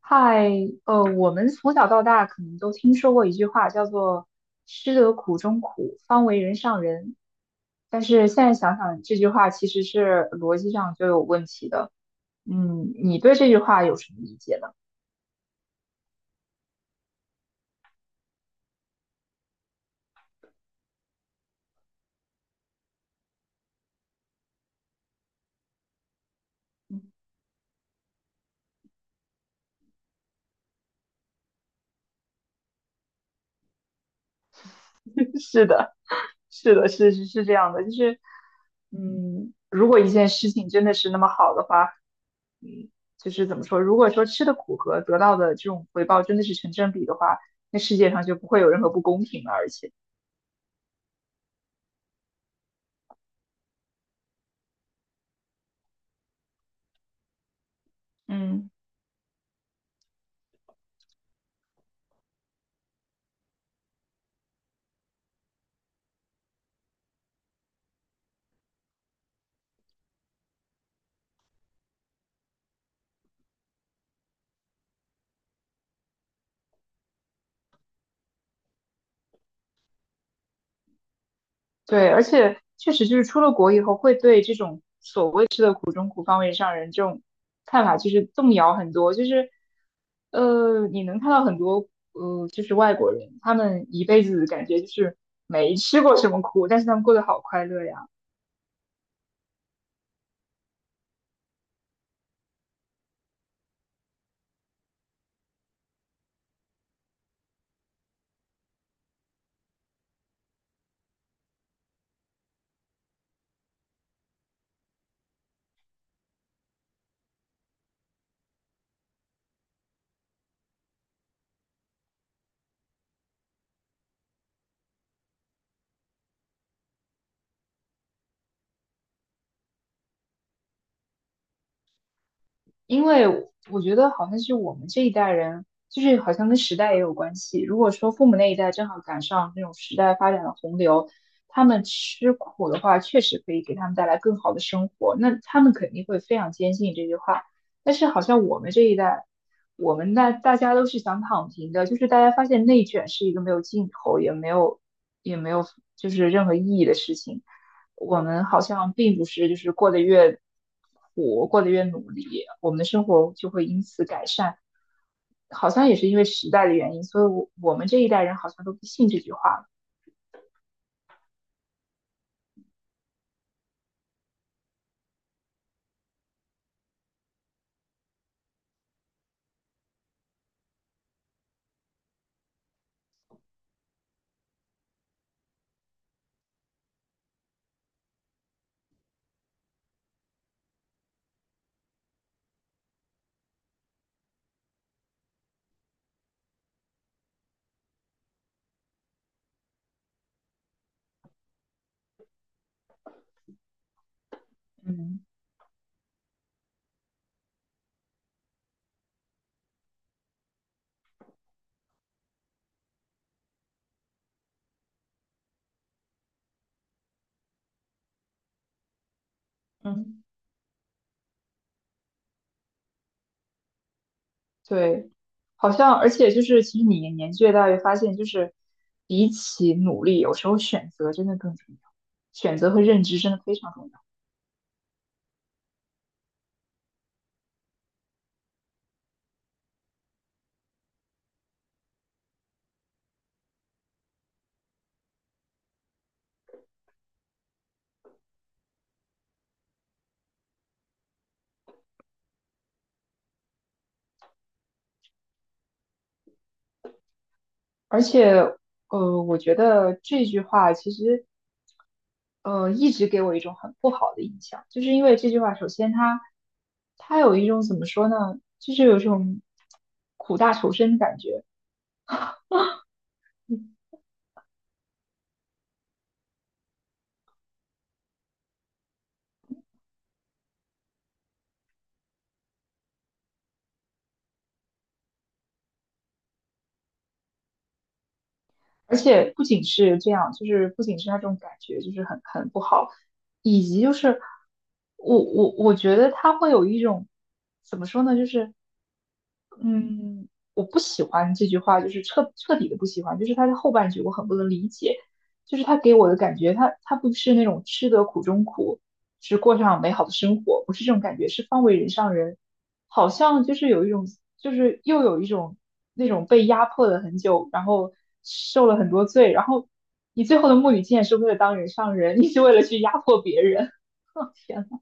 嗨，我们从小到大可能都听说过一句话，叫做"吃得苦中苦，方为人上人"。但是现在想想，这句话其实是逻辑上就有问题的。你对这句话有什么理解呢？嗯。 是的，是的，是是是这样的，就是，如果一件事情真的是那么好的话，嗯，就是怎么说，如果说吃的苦和得到的这种回报真的是成正比的话，那世界上就不会有任何不公平了，而且，嗯。对，而且确实就是出了国以后，会对这种所谓吃的苦中苦，方为上人这种看法就是动摇很多。就是你能看到很多就是外国人，他们一辈子感觉就是没吃过什么苦，但是他们过得好快乐呀。因为我觉得好像是我们这一代人，就是好像跟时代也有关系。如果说父母那一代正好赶上那种时代发展的洪流，他们吃苦的话，确实可以给他们带来更好的生活，那他们肯定会非常坚信这句话。但是好像我们这一代。我们那大家都是想躺平的，就是大家发现内卷是一个没有尽头，也没有就是任何意义的事情。我们好像并不是就是过得越苦，过得越努力，我们的生活就会因此改善。好像也是因为时代的原因，所以我们这一代人好像都不信这句话了。嗯嗯。对，好像而且就是，其实你年纪越大，越发现就是，比起努力，有时候选择真的更重要，选择和认知真的非常重要。而且，我觉得这句话其实，一直给我一种很不好的印象，就是因为这句话，首先它有一种怎么说呢，就是有一种苦大仇深的感觉。而且不仅是这样，就是不仅是那种感觉，就是很不好，以及就是我觉得他会有一种怎么说呢，就是嗯，我不喜欢这句话，就是彻彻底的不喜欢，就是他的后半句我很不能理解，就是他给我的感觉，他不是那种吃得苦中苦，只过上美好的生活，不是这种感觉，是方为人上人，好像就是有一种，就是又有一种那种被压迫了很久，然后受了很多罪，然后你最后的目的竟然是为了当人上人，你是为了去压迫别人，天呐，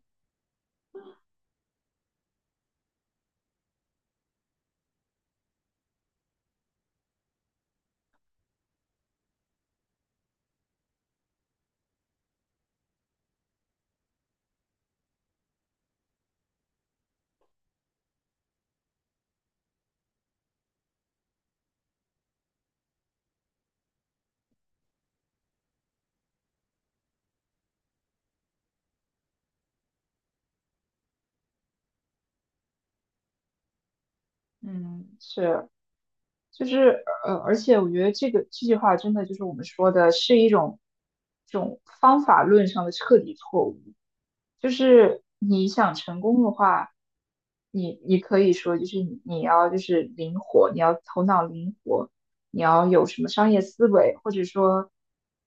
嗯，是。就是而且我觉得这个这句话真的就是我们说的是一种这种方法论上的彻底错误。就是你想成功的话，你可以说就是你要就是灵活，你要头脑灵活，你要有什么商业思维，或者说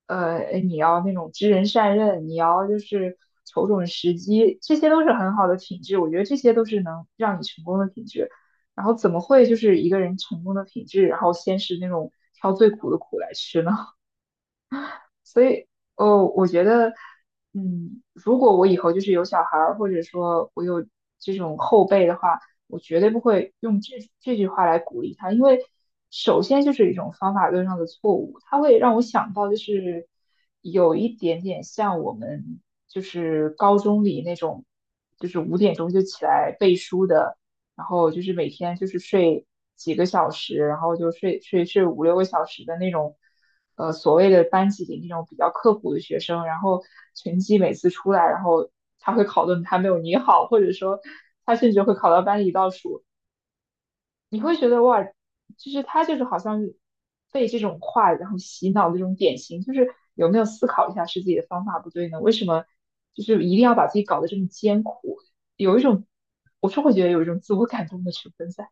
你要那种知人善任，你要就是瞅准时机，这些都是很好的品质。我觉得这些都是能让你成功的品质。然后怎么会就是一个人成功的品质，然后先是那种挑最苦的苦来吃呢？所以，哦，我觉得，如果我以后就是有小孩儿，或者说我有这种后辈的话，我绝对不会用这句话来鼓励他，因为首先就是一种方法论上的错误，它会让我想到就是有一点点像我们就是高中里那种，就是5点钟就起来背书的。然后就是每天就是睡几个小时，然后就睡五六个小时的那种，所谓的班级里那种比较刻苦的学生，然后成绩每次出来，然后他会考的还没有你好，或者说他甚至会考到班里倒数，你会觉得哇，就是他就是好像被这种话然后洗脑的这种典型，就是有没有思考一下是自己的方法不对呢？为什么就是一定要把自己搞得这么艰苦？有一种，我是会觉得有一种自我感动的成分在。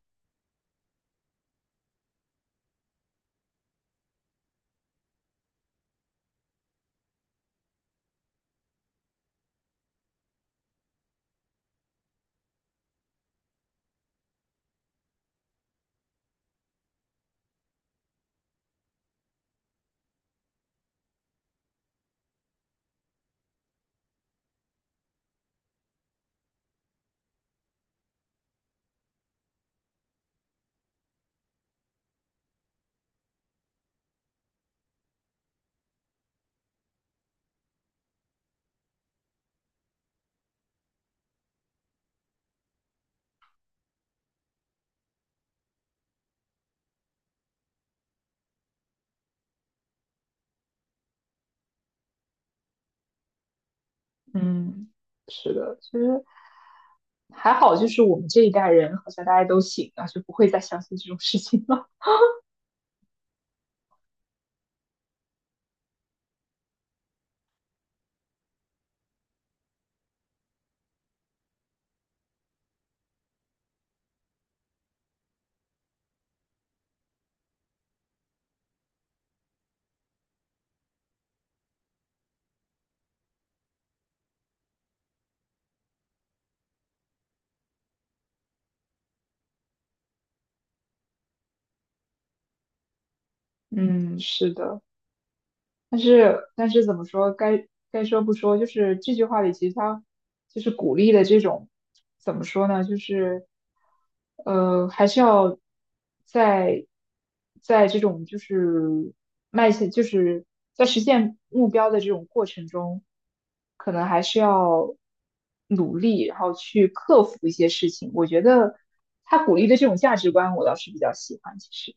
嗯，是的，其实还好，就是我们这一代人好像大家都醒了，就不会再相信这种事情了。嗯，是的。但是怎么说，该说不说，就是这句话里其实它就是鼓励的这种，怎么说呢，就是还是要在在这种就是迈向，就是在实现目标的这种过程中，可能还是要努力，然后去克服一些事情。我觉得他鼓励的这种价值观，我倒是比较喜欢，其实。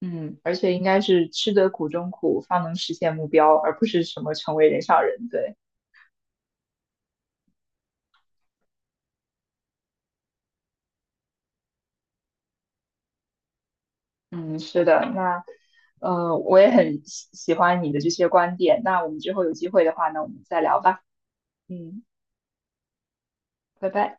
嗯，而且应该是吃得苦中苦，方能实现目标，而不是什么成为人上人。对，嗯，是的。那，我也很喜欢你的这些观点。那我们之后有机会的话呢，我们再聊吧。嗯，拜拜。